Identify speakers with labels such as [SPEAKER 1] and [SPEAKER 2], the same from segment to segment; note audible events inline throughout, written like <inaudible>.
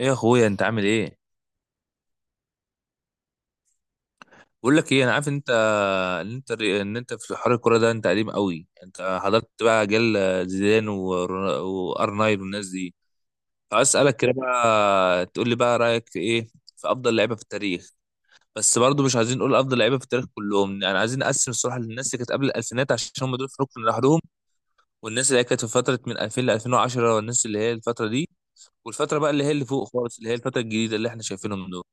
[SPEAKER 1] ايه يا اخويا، انت عامل ايه؟ بقول لك ايه، انا عارف إن انت ان انت في حوار الكوره ده. انت قديم قوي، انت حضرت بقى جيل زيدان وار 9 والناس دي. عايز اسالك كده بقى، تقول لي بقى رايك في ايه، في افضل لعيبه في التاريخ. بس برضه مش عايزين نقول افضل لعيبه في التاريخ كلهم، يعني عايزين نقسم الصراحه للناس اللي كانت قبل الالفينات عشان هم دول في ركن لوحدهم، والناس اللي هي كانت في فتره من 2000 ل 2010، والناس اللي هي الفتره دي، والفتره بقى اللي هي اللي فوق خالص، اللي هي الفتره الجديده اللي احنا شايفينهم دول.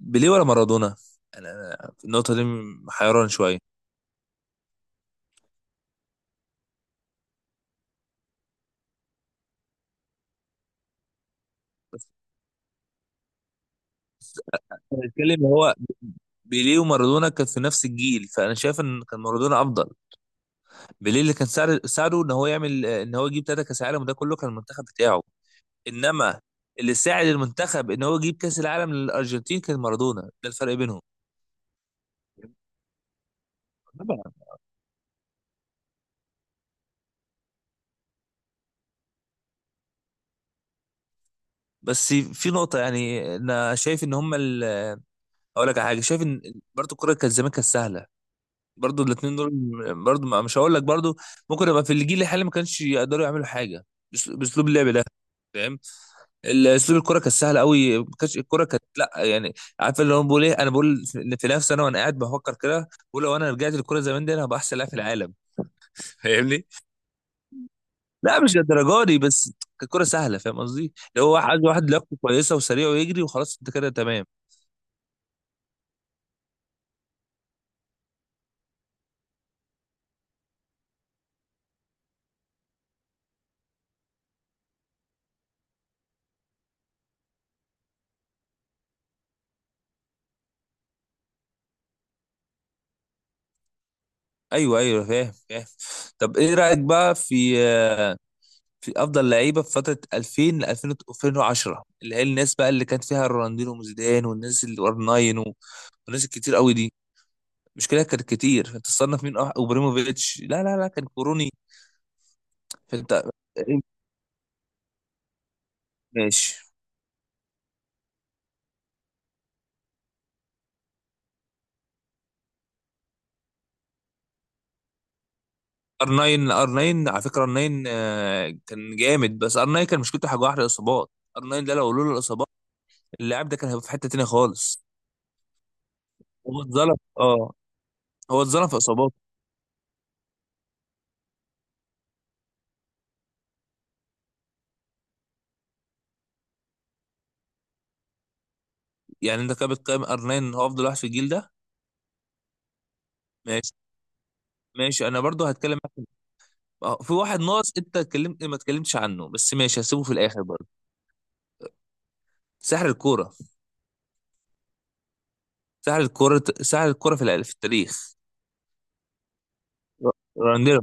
[SPEAKER 1] بيليه ولا مارادونا؟ انا في النقطه دي حيران شويه. انا بتكلم، هو بيليه ومارادونا كان في نفس الجيل، فانا شايف ان كان مارادونا افضل. بيليه اللي كان ساعده ان هو يعمل، ان هو يجيب ثلاثه كاس عالم، وده كله كان المنتخب بتاعه. انما اللي ساعد المنتخب ان هو يجيب كاس العالم للارجنتين كان مارادونا، ده الفرق بينهم. طبعا. بس في نقطه، يعني انا شايف ان هم اقول لك على حاجه، شايف ان برضه الكوره كانت زمان كانت سهله. برضو الاثنين دول، برضو مش هقول لك برضو، ممكن يبقى في الجيل الحالي ما كانش يقدروا يعملوا حاجه باسلوب اللعب ده، فاهم. اسلوب الكره كانت سهله قوي، ما كانتش الكره كانت، لا يعني عارف اللي هو بقول ايه. انا بقول في نفسي انا، وانا قاعد بفكر كده بقول لو انا رجعت للكره زمان دي انا هبقى احسن لاعب في العالم. فاهمني؟ لا مش للدرجه دي، بس كانت كره سهله، فاهم قصدي. اللي هو واحد واحد لياقته كويسه وسريع ويجري وخلاص انت كده تمام. ايوه ايوه، فاهم فاهم. طب ايه رايك بقى في، في افضل لعيبه في فتره 2000 ل 2000 2010، اللي هي الناس بقى اللي كانت فيها رونالدينو وزيدان والناس اللي ار 9 والناس الكتير قوي دي. مش كده؟ كانت كتير، فانت تصنف مين وابراهيموفيتش، لا لا لا كان كوروني، فانت <laughs> ماشي. ار 9، ار 9، على فكره ار 9 كان جامد. بس ار 9 كان مشكلته حاجه واحده، الاصابات. ار 9 ده لو لولا الاصابات، اللاعب ده كان هيبقى في حته تانيه خالص. هو اتظلم، اه. هو اتظلم في اصاباته. يعني انت كده بتقيم ار 9 هو افضل واحد في الجيل ده. ماشي. ماشي انا برضو هتكلم. في واحد ناقص انت اتكلمت، ما اتكلمتش عنه، بس ماشي هسيبه في الاخر برضه. سحر الكوره، سحر الكوره، سحر الكوره في في التاريخ. رونالدينو.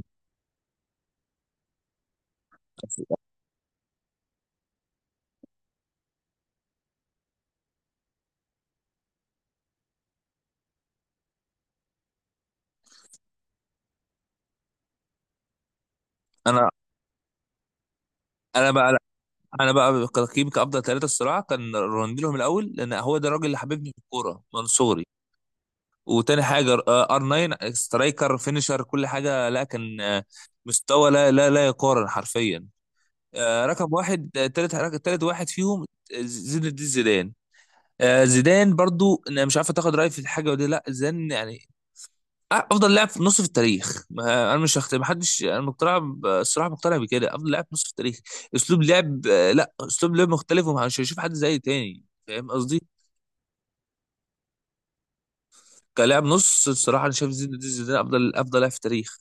[SPEAKER 1] انا انا بقى، انا بقى تقييمي كافضل ثلاثه الصراحه كان رونالدينو من الاول، لان هو ده الراجل اللي حببني في الكوره من صغري. وتاني حاجه ار 9، سترايكر فينيشر كل حاجه، لا كان مستوى لا لا لا يقارن حرفيا. رقم واحد. تالت، تالت واحد فيهم زين الدين زيدان. زيدان برضو، انا مش عارف تاخد رايي في الحاجه ودي، لا زيدان يعني افضل لاعب في نص في التاريخ. ما انا مش ما حدش، انا مقتنع الصراحه مقتنع بكده افضل لاعب في نص في التاريخ. اسلوب لعب لا اسلوب لعب مختلف ومش هشوف حد زي تاني، فاهم قصدي. كلاعب نص الصراحه انا شايف زيدان، زيدان افضل لاعب في التاريخ.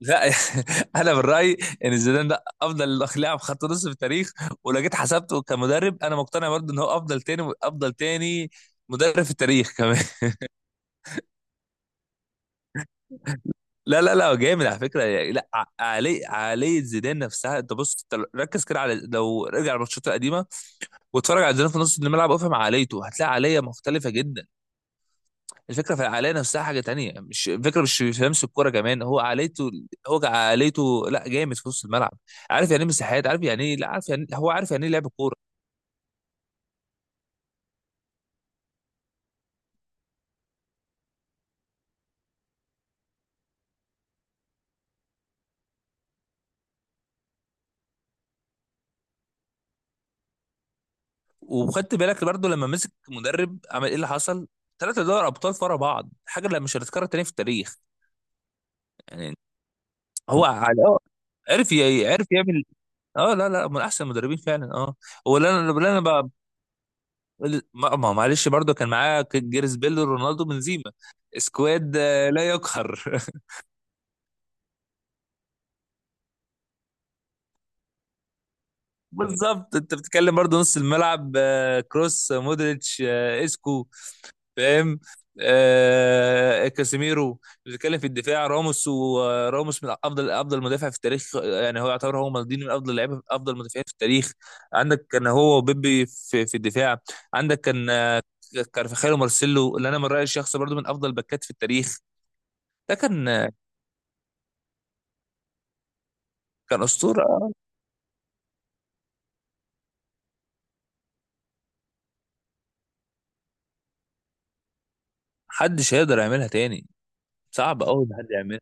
[SPEAKER 1] لا <laughs> انا من رايي ان زيدان ده افضل لاعب خط نص في التاريخ. ولو جيت حسبته كمدرب انا مقتنع برضو ان هو افضل، تاني افضل، تاني مدرب في التاريخ كمان. لا لا لا، هو جامد على فكره يعني. لا عقليه زيدان نفسها، انت بص، انت ركز كده على لو رجع الماتشات القديمه، واتفرج على زيدان في نص الملعب وافهم عقليته، هتلاقي عقليه مختلفه جدا. الفكره في العقليه نفسها، حاجه تانية، مش الفكره مش في لمس الكوره، كمان هو عقليته. هو عقليته، لا جامد في نص الملعب. عارف يعني ايه مساحات، عارف يعني ايه، لا عارف يعني هو عارف يعني ايه لعب كوره. وخدت بالك برضه لما مسك مدرب عمل ايه اللي حصل؟ ثلاثة دوري ابطال ورا بعض، حاجه لا مش هتتكرر تاني في التاريخ. يعني. هو على عرف يعمل. اه لا لا، من احسن المدربين فعلا، اه. هو اللي انا، اللي انا بقى، معلش برضه كان معاه جيرس بيل رونالدو بنزيما، سكواد لا يقهر. <laughs> بالظبط. انت بتتكلم برضه نص الملعب كروس مودريتش اسكو، فاهم. آه كاسيميرو. بتتكلم في الدفاع، راموس، وراموس من افضل مدافع في التاريخ، يعني هو يعتبر هو مالديني، من افضل لعيبه، افضل مدافعين في التاريخ. عندك كان هو وبيبي في الدفاع. عندك كان كارفاخال ومارسيلو، اللي انا من رايي الشخصي برضو من افضل باكات في التاريخ. ده كان كان اسطوره. محدش هيقدر يعملها تاني، صعب قوي ان حد يعملها.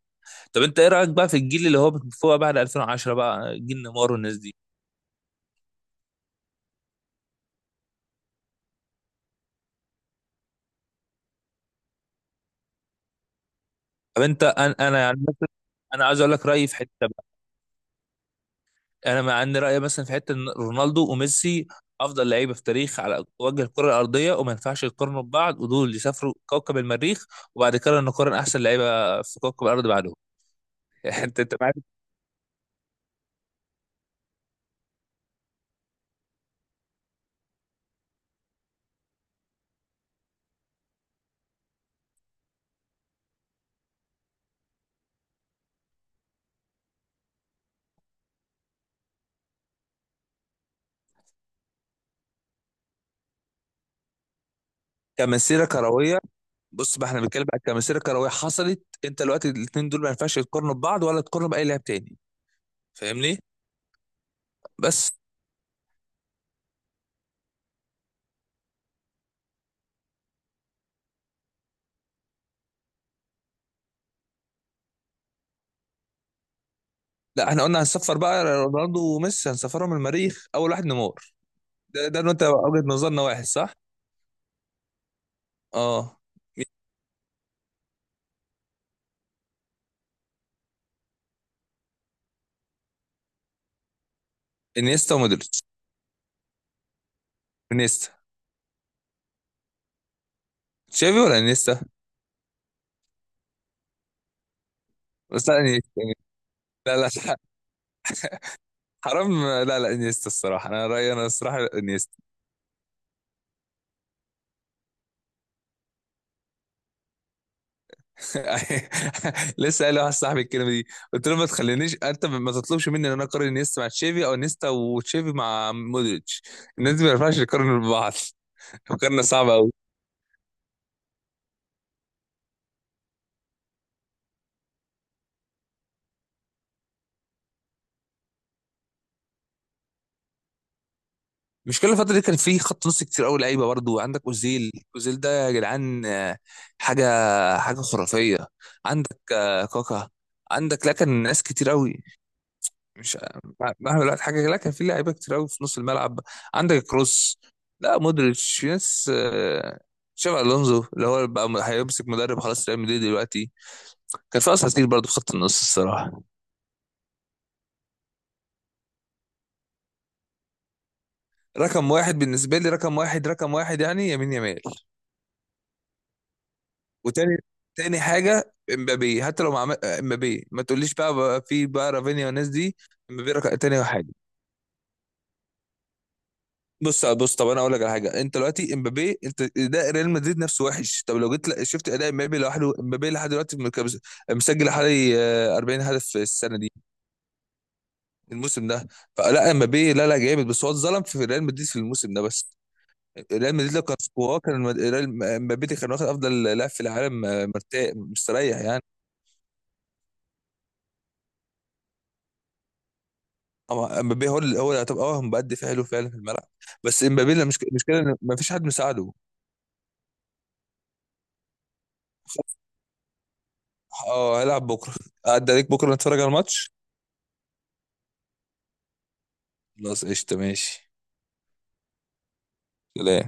[SPEAKER 1] طب انت ايه رايك بقى في الجيل اللي هو فوق بعد 2010 بقى، جيل نيمار والناس دي. طب انت، انا يعني مثلا انا عايز اقول لك رايي في حته. انا مع ان رايي مثلا في حته ان رونالدو وميسي افضل لعيبه في تاريخ على وجه الكره الارضيه، وما ينفعش يقارنوا ببعض. ودول اللي سافروا كوكب المريخ، وبعد كده نقارن احسن لعيبه في كوكب الارض بعدهم. <laughs> انت معاك كمسيره كرويه. بص بقى، احنا بنتكلم عن كمسيره كرويه حصلت. انت دلوقتي الاثنين دول ما ينفعش يقارنوا ببعض، ولا تقارنوا باي لاعب تاني، فاهمني؟ بس لا، احنا قلنا هنسفر بقى رونالدو وميسي، هنسفرهم المريخ، اول واحد نيمار. ده انت وجهه نظرنا واحد، صح؟ اه. انيستا ومودريتش. انيستا. تشافي ولا انيستا؟ بس لا انيستا. لا لا حرام، لا لا انيستا الصراحه، انا رايي، انا الصراحه انيستا. <laughs> لسه قايل لواحد صاحبي الكلمه دي، قلت له ما تخلينيش. انت ما تطلبش مني ان انا اقارن انيستا مع تشافي او انيستا وتشافي مع مودريتش، الناس دي ما ينفعش يقارنوا ببعض. <laughs> مقارنه صعبه قوي. مش كل الفتره دي كان في خط نص كتير قوي لعيبه برضه؟ عندك اوزيل، اوزيل ده يا جدعان حاجه حاجه خرافيه. عندك كاكا. عندك لكن ناس كتير قوي. مش مهما دلوقتي، حاجه لا كان في لعيبه كتير قوي في نص الملعب. عندك كروس، لا مودريتش، في ناس تشافي الونزو اللي هو بقى هيمسك مدرب خلاص ريال مدريد دلوقتي. كان في اساطير برضه في خط النص الصراحه. رقم واحد بالنسبه لي، رقم واحد رقم واحد، يعني يمين يمال. وتاني حاجه امبابي، حتى لو مع امبابي ما تقوليش بقى، في بقى رافينيا والناس دي. امبابي رقم تاني واحد. بص بص، طب انا اقول لك على حاجه. انت دلوقتي امبابي، انت اداء ريال مدريد نفسه وحش، طب لو جيت شفت اداء امبابي لوحده، امبابي لحد دلوقتي مسجل حوالي 40 هدف في السنه دي، الموسم ده. فلا امبابي لا لا جامد، بس هو اتظلم في ريال مدريد في الموسم ده بس. ريال مدريد لو كان سكواه كان امبابي كان واخد افضل لاعب في العالم مرتاح مستريح يعني. أما امبابي، هو اللي هو اللي طب اه مؤدي حلو فعلا في الملعب. بس امبابي المشكله ان مفيش حد مساعده. اه هيلعب بكره، عدى عليك بكره نتفرج على الماتش. خلاص قشطة ماشي. سلام.